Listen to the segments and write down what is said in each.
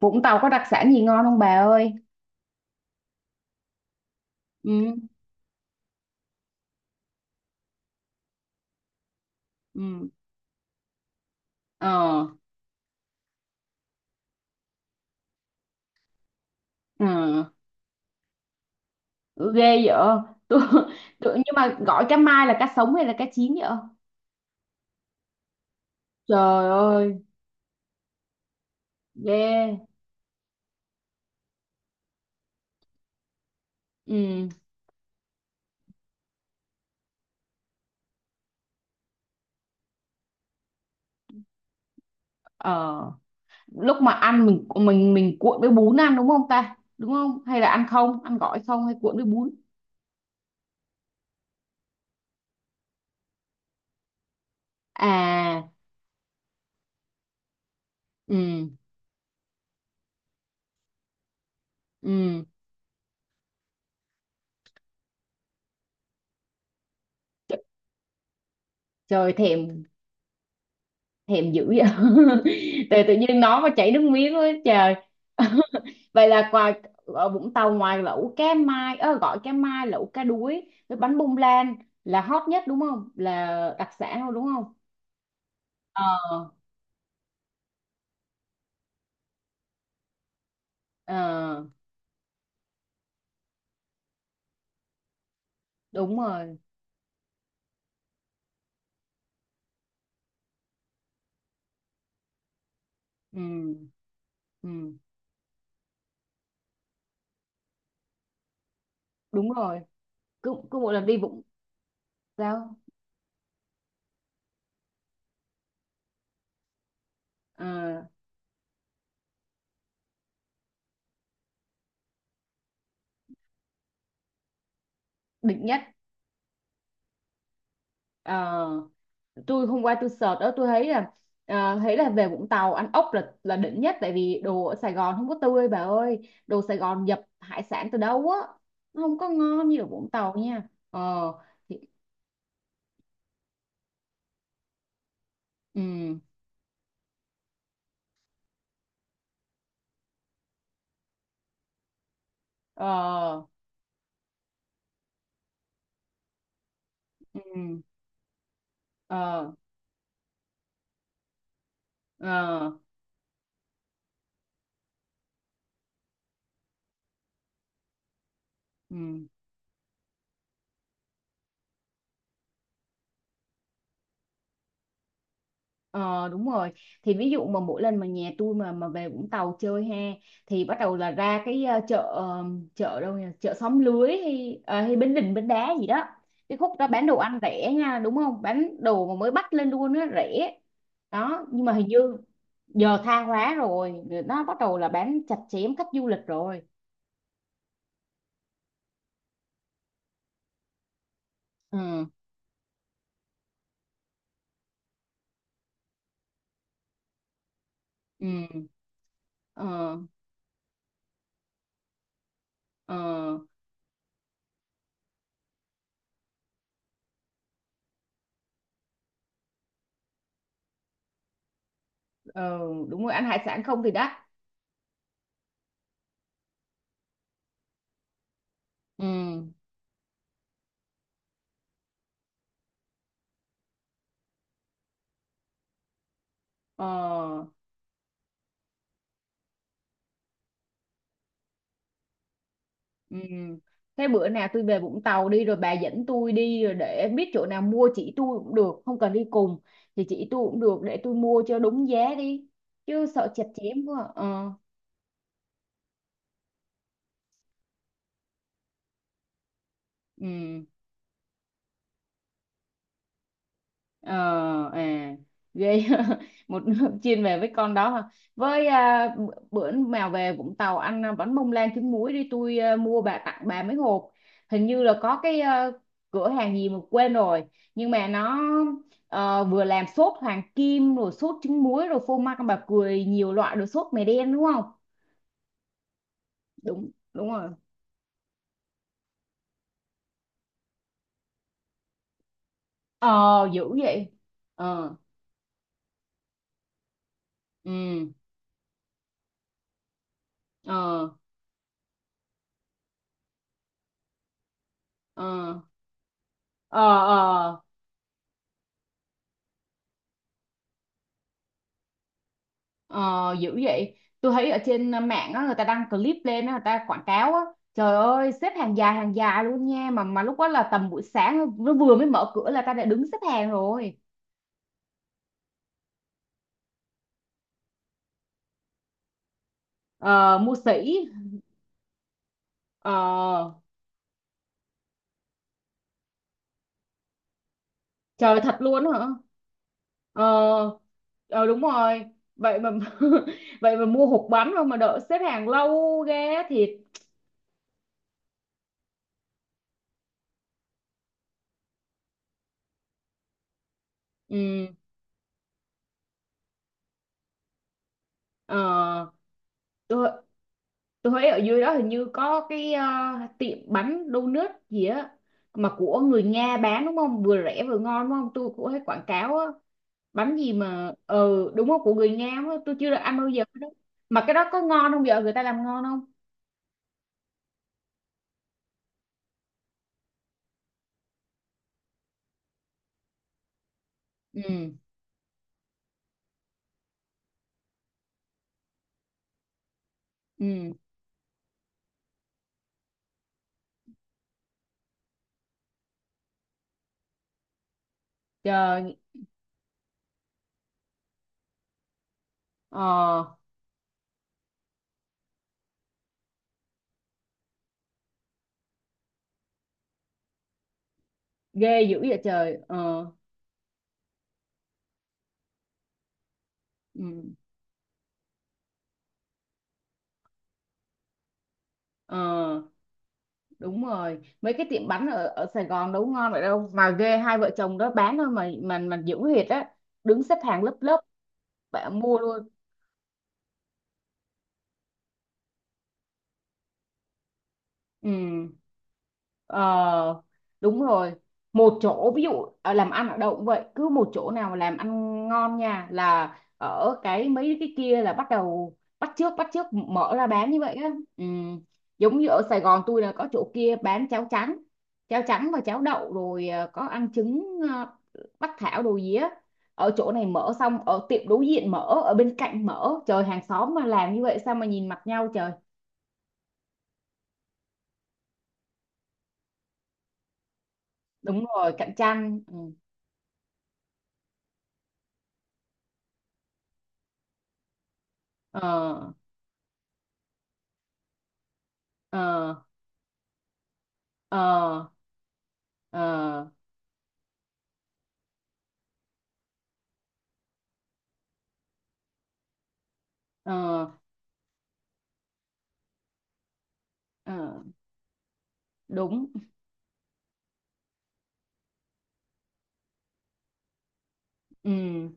Vũng Tàu có đặc sản gì ngon không bà ơi? Ừ. Ừ. Ờ. Ừ. Ừ, ghê vậy. Tôi, tôi Nhưng mà gọi cá mai là cá sống hay là cá chín vậy? Trời ơi. Ghê. Ừ. Ờ. Lúc mà ăn mình cuộn với bún ăn, đúng không ta, đúng không? Hay là ăn không, ăn gỏi không, hay cuộn với bún? À. Ừ. Ừ. Trời. Trời, thèm, thèm dữ vậy. Tự tự nhiên nói mà chảy nước miếng quá trời. Vậy là ngoài, ở Vũng Tàu ngoài lẩu cá mai, ơ, gọi cá mai, lẩu cá đuối với bánh bông lan là hot nhất đúng không, là đặc sản thôi đúng không? Ờ. Ờ, đúng rồi. Ừ. Ừ, đúng rồi. Cứ cứ mỗi lần đi Vũng... Sao? Ờ. Đỉnh nhất. Ờ. Tôi hôm qua tôi search đó, tôi thấy là, à, thấy là về Vũng Tàu ăn ốc là đỉnh nhất. Tại vì đồ ở Sài Gòn không có tươi bà ơi, đồ Sài Gòn nhập hải sản từ đâu á, nó không có ngon như ở Vũng Tàu nha. Ờ. Thì. Ừ. Ờ. Ừ. Ờ. Ờ. Ừ. Ờ, đúng rồi. Thì ví dụ mà mỗi lần mà nhà tôi mà về Vũng Tàu chơi ha, thì bắt đầu là ra cái, chợ đâu nhỉ, chợ xóm lưới hay, à, hay Bến Đình Bến Đá gì đó. Cái khúc đó bán đồ ăn rẻ nha, đúng không, bán đồ mà mới bắt lên luôn á, rẻ đó. Nhưng mà hình như giờ tha hóa rồi, nó bắt đầu là bán chặt chém khách du lịch rồi. Ừ. Ừ. Ờ. Ờ. Ờ, đúng rồi, ăn hải sản không thì đắt. Ừ. Ờ. Ừ. Thế bữa nào tôi về Vũng Tàu đi rồi bà dẫn tôi đi rồi để biết chỗ nào mua, chỉ tôi cũng được, không cần đi cùng thì chỉ tôi cũng được, để tôi mua cho đúng giá đi, chứ sợ chặt chém quá. Ờ. Ừ. Ờ. À. Ghê. Một nước chuyên về với con đó hả? Với, à, bữa nào về Vũng Tàu ăn, à, bánh bông lan trứng muối đi, tôi, à, mua bà, tặng bà mấy hộp. Hình như là có cái, à, cửa hàng gì mà quên rồi, nhưng mà nó, vừa làm sốt hoàng kim rồi sốt trứng muối rồi phô mai con bà cười nhiều loại rồi sốt mè đen, đúng không? Đúng, đúng rồi. Ờ, dữ vậy. Ờ. Ừ. Ờ. Ờ. Ờ. Ờ. Ờ, dữ vậy. Tôi thấy ở trên, mạng á, người ta đăng clip lên á, người ta quảng cáo á, trời ơi xếp hàng dài, hàng dài luôn nha, mà lúc đó là tầm buổi sáng nó vừa mới mở cửa là ta đã đứng xếp hàng rồi. Ờ, mua sỉ. Ờ, trời, thật luôn á hả. Ờ. Ờ, đúng rồi. Vậy mà, vậy mà mua hộp bánh không mà đợi xếp hàng lâu ghê thiệt. Ừ. Ờ. Tôi. Tôi thấy ở dưới đó hình như có cái, tiệm bánh donut gì á, mà của người Nga bán đúng không? Vừa rẻ vừa ngon đúng không? Tôi cũng thấy quảng cáo á, bánh gì mà ừ đúng không, của người Nga á, tôi chưa được ăn bao giờ đó. Mà cái đó có ngon không vợ? Người ta làm ngon không? Ừ. Ừ. Trời. Ờ. Ghê dữ vậy trời. Ờ. Ừ. Ờ, đúng rồi. Mấy cái tiệm bánh ở ở Sài Gòn đâu có ngon vậy đâu, mà ghê, hai vợ chồng đó bán thôi mà dữ thiệt á, đứng xếp hàng lớp lớp bạn mua luôn. Ừ. Ờ, đúng rồi. Một chỗ ví dụ, làm ăn ở đâu cũng vậy, cứ một chỗ nào mà làm ăn ngon nha là ở cái mấy cái kia là bắt đầu bắt chước, bắt chước mở ra bán như vậy á. Ừ. Giống như ở Sài Gòn tôi là có chỗ kia bán cháo trắng, và cháo đậu rồi, có ăn trứng, bắc thảo đồ gì á, ở chỗ này mở xong ở tiệm đối diện mở, ở bên cạnh mở, trời, hàng xóm mà làm như vậy sao mà nhìn mặt nhau, trời. Đúng rồi, cạnh tranh. Ừ. Ờ. Ờ. Ờ. Ờ. Ờ. Ờ. Đúng. Ừ.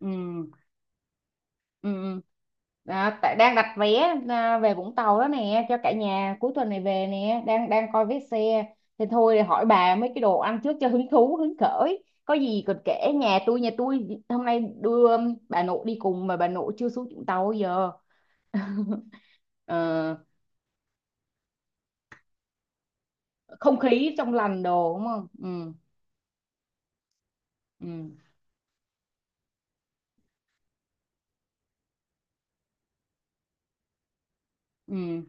Ừ. Ừ. À, tại đang đặt vé, à, về Vũng Tàu đó nè cho cả nhà cuối tuần này về nè, đang đang coi vé xe. Thì thôi hỏi bà mấy cái đồ ăn trước cho hứng thú hứng khởi, có gì còn kể. Nhà tôi hôm nay đưa bà nội đi cùng, mà bà nội chưa xuống Vũng Tàu bao giờ. Ờ, không khí trong lành đồ đúng không. Ừ. Ừ. Ừ.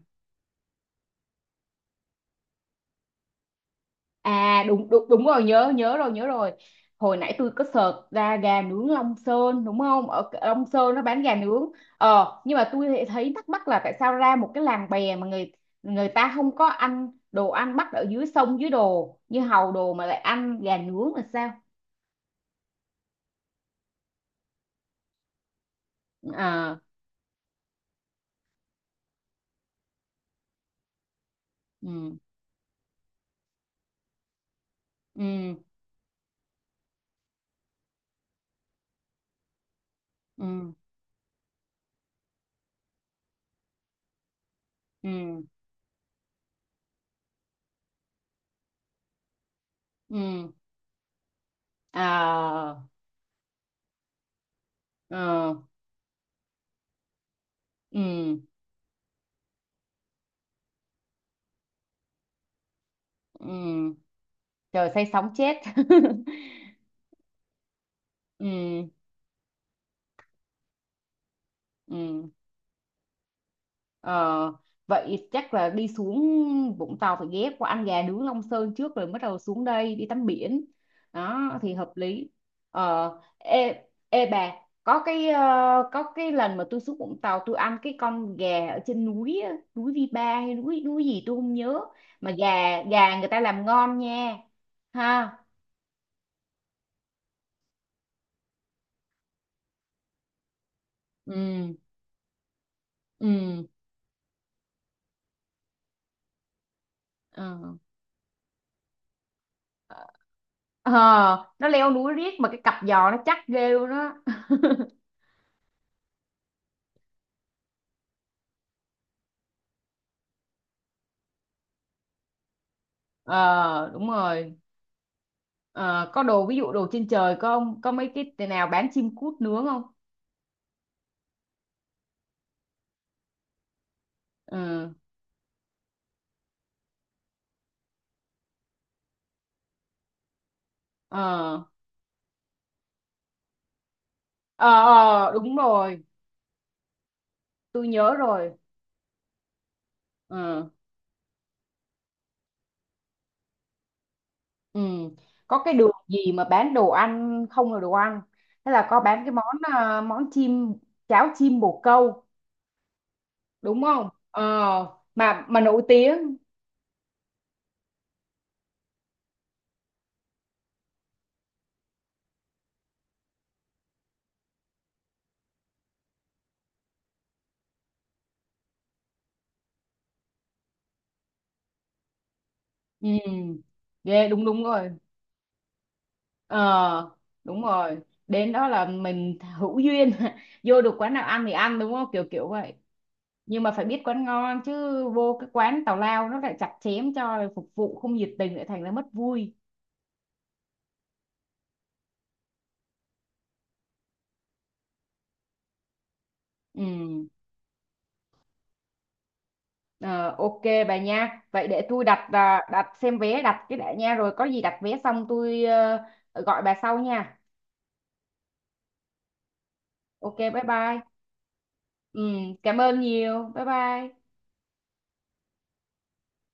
À, đúng đúng đúng rồi, nhớ, nhớ rồi, nhớ rồi, hồi nãy tôi có search ra gà nướng Long Sơn đúng không, ở Long Sơn nó bán gà nướng. Ờ, nhưng mà tôi lại thấy thắc mắc là tại sao ra một cái làng bè mà người người ta không có ăn đồ ăn bắt ở dưới sông dưới đồ như hàu đồ, mà lại ăn gà nướng là sao? À. Ừ. Ừ. Ừ. Ừ. Ừ. À. Ờ. Ừ. Ừ. Trời, say sóng chết. Ừ. Ừ. Ờ, vậy chắc là đi xuống Vũng Tàu phải ghé qua ăn gà nướng Long Sơn trước rồi bắt đầu xuống đây đi tắm biển, đó thì hợp lý. Ờ. Ê, ê bà, có cái lần mà tôi xuống Vũng Tàu tôi ăn cái con gà ở trên núi á, núi Vi Ba hay núi núi gì tôi không nhớ, mà gà gà người ta làm ngon nha, ha. Ừ. Ừ. Ờ. Ờ, nó leo núi riết mà cái cặp giò nó chắc ghê luôn á. Ờ, đúng rồi. Ờ, có đồ ví dụ đồ trên trời không, có mấy cái nào bán chim cút nướng không? Ừ. Ờ. Ờ. Ờ, đúng rồi, tôi nhớ rồi. Ừ. Ừ. Có cái đường gì mà bán đồ ăn không là đồ ăn, thế là có bán cái món, món chim, cháo chim bồ câu đúng không? Ờ, mà nổi tiếng. Ừ. Ghê, đúng, đúng rồi. Ờ, đúng rồi, đến đó là mình hữu duyên, vô được quán nào ăn thì ăn, đúng không, kiểu kiểu vậy. Nhưng mà phải biết quán ngon chứ, vô cái quán tào lao nó lại chặt chém cho rồi phục vụ không nhiệt tình lại thành ra mất vui. Ừ. Ờ, ok bà nha, vậy để tôi đặt, à, đặt xem vé, đặt cái đã nha, rồi có gì đặt vé xong tôi, gọi bà sau nha. Ok, bye bye. Ừ. Cảm ơn nhiều, bye bye.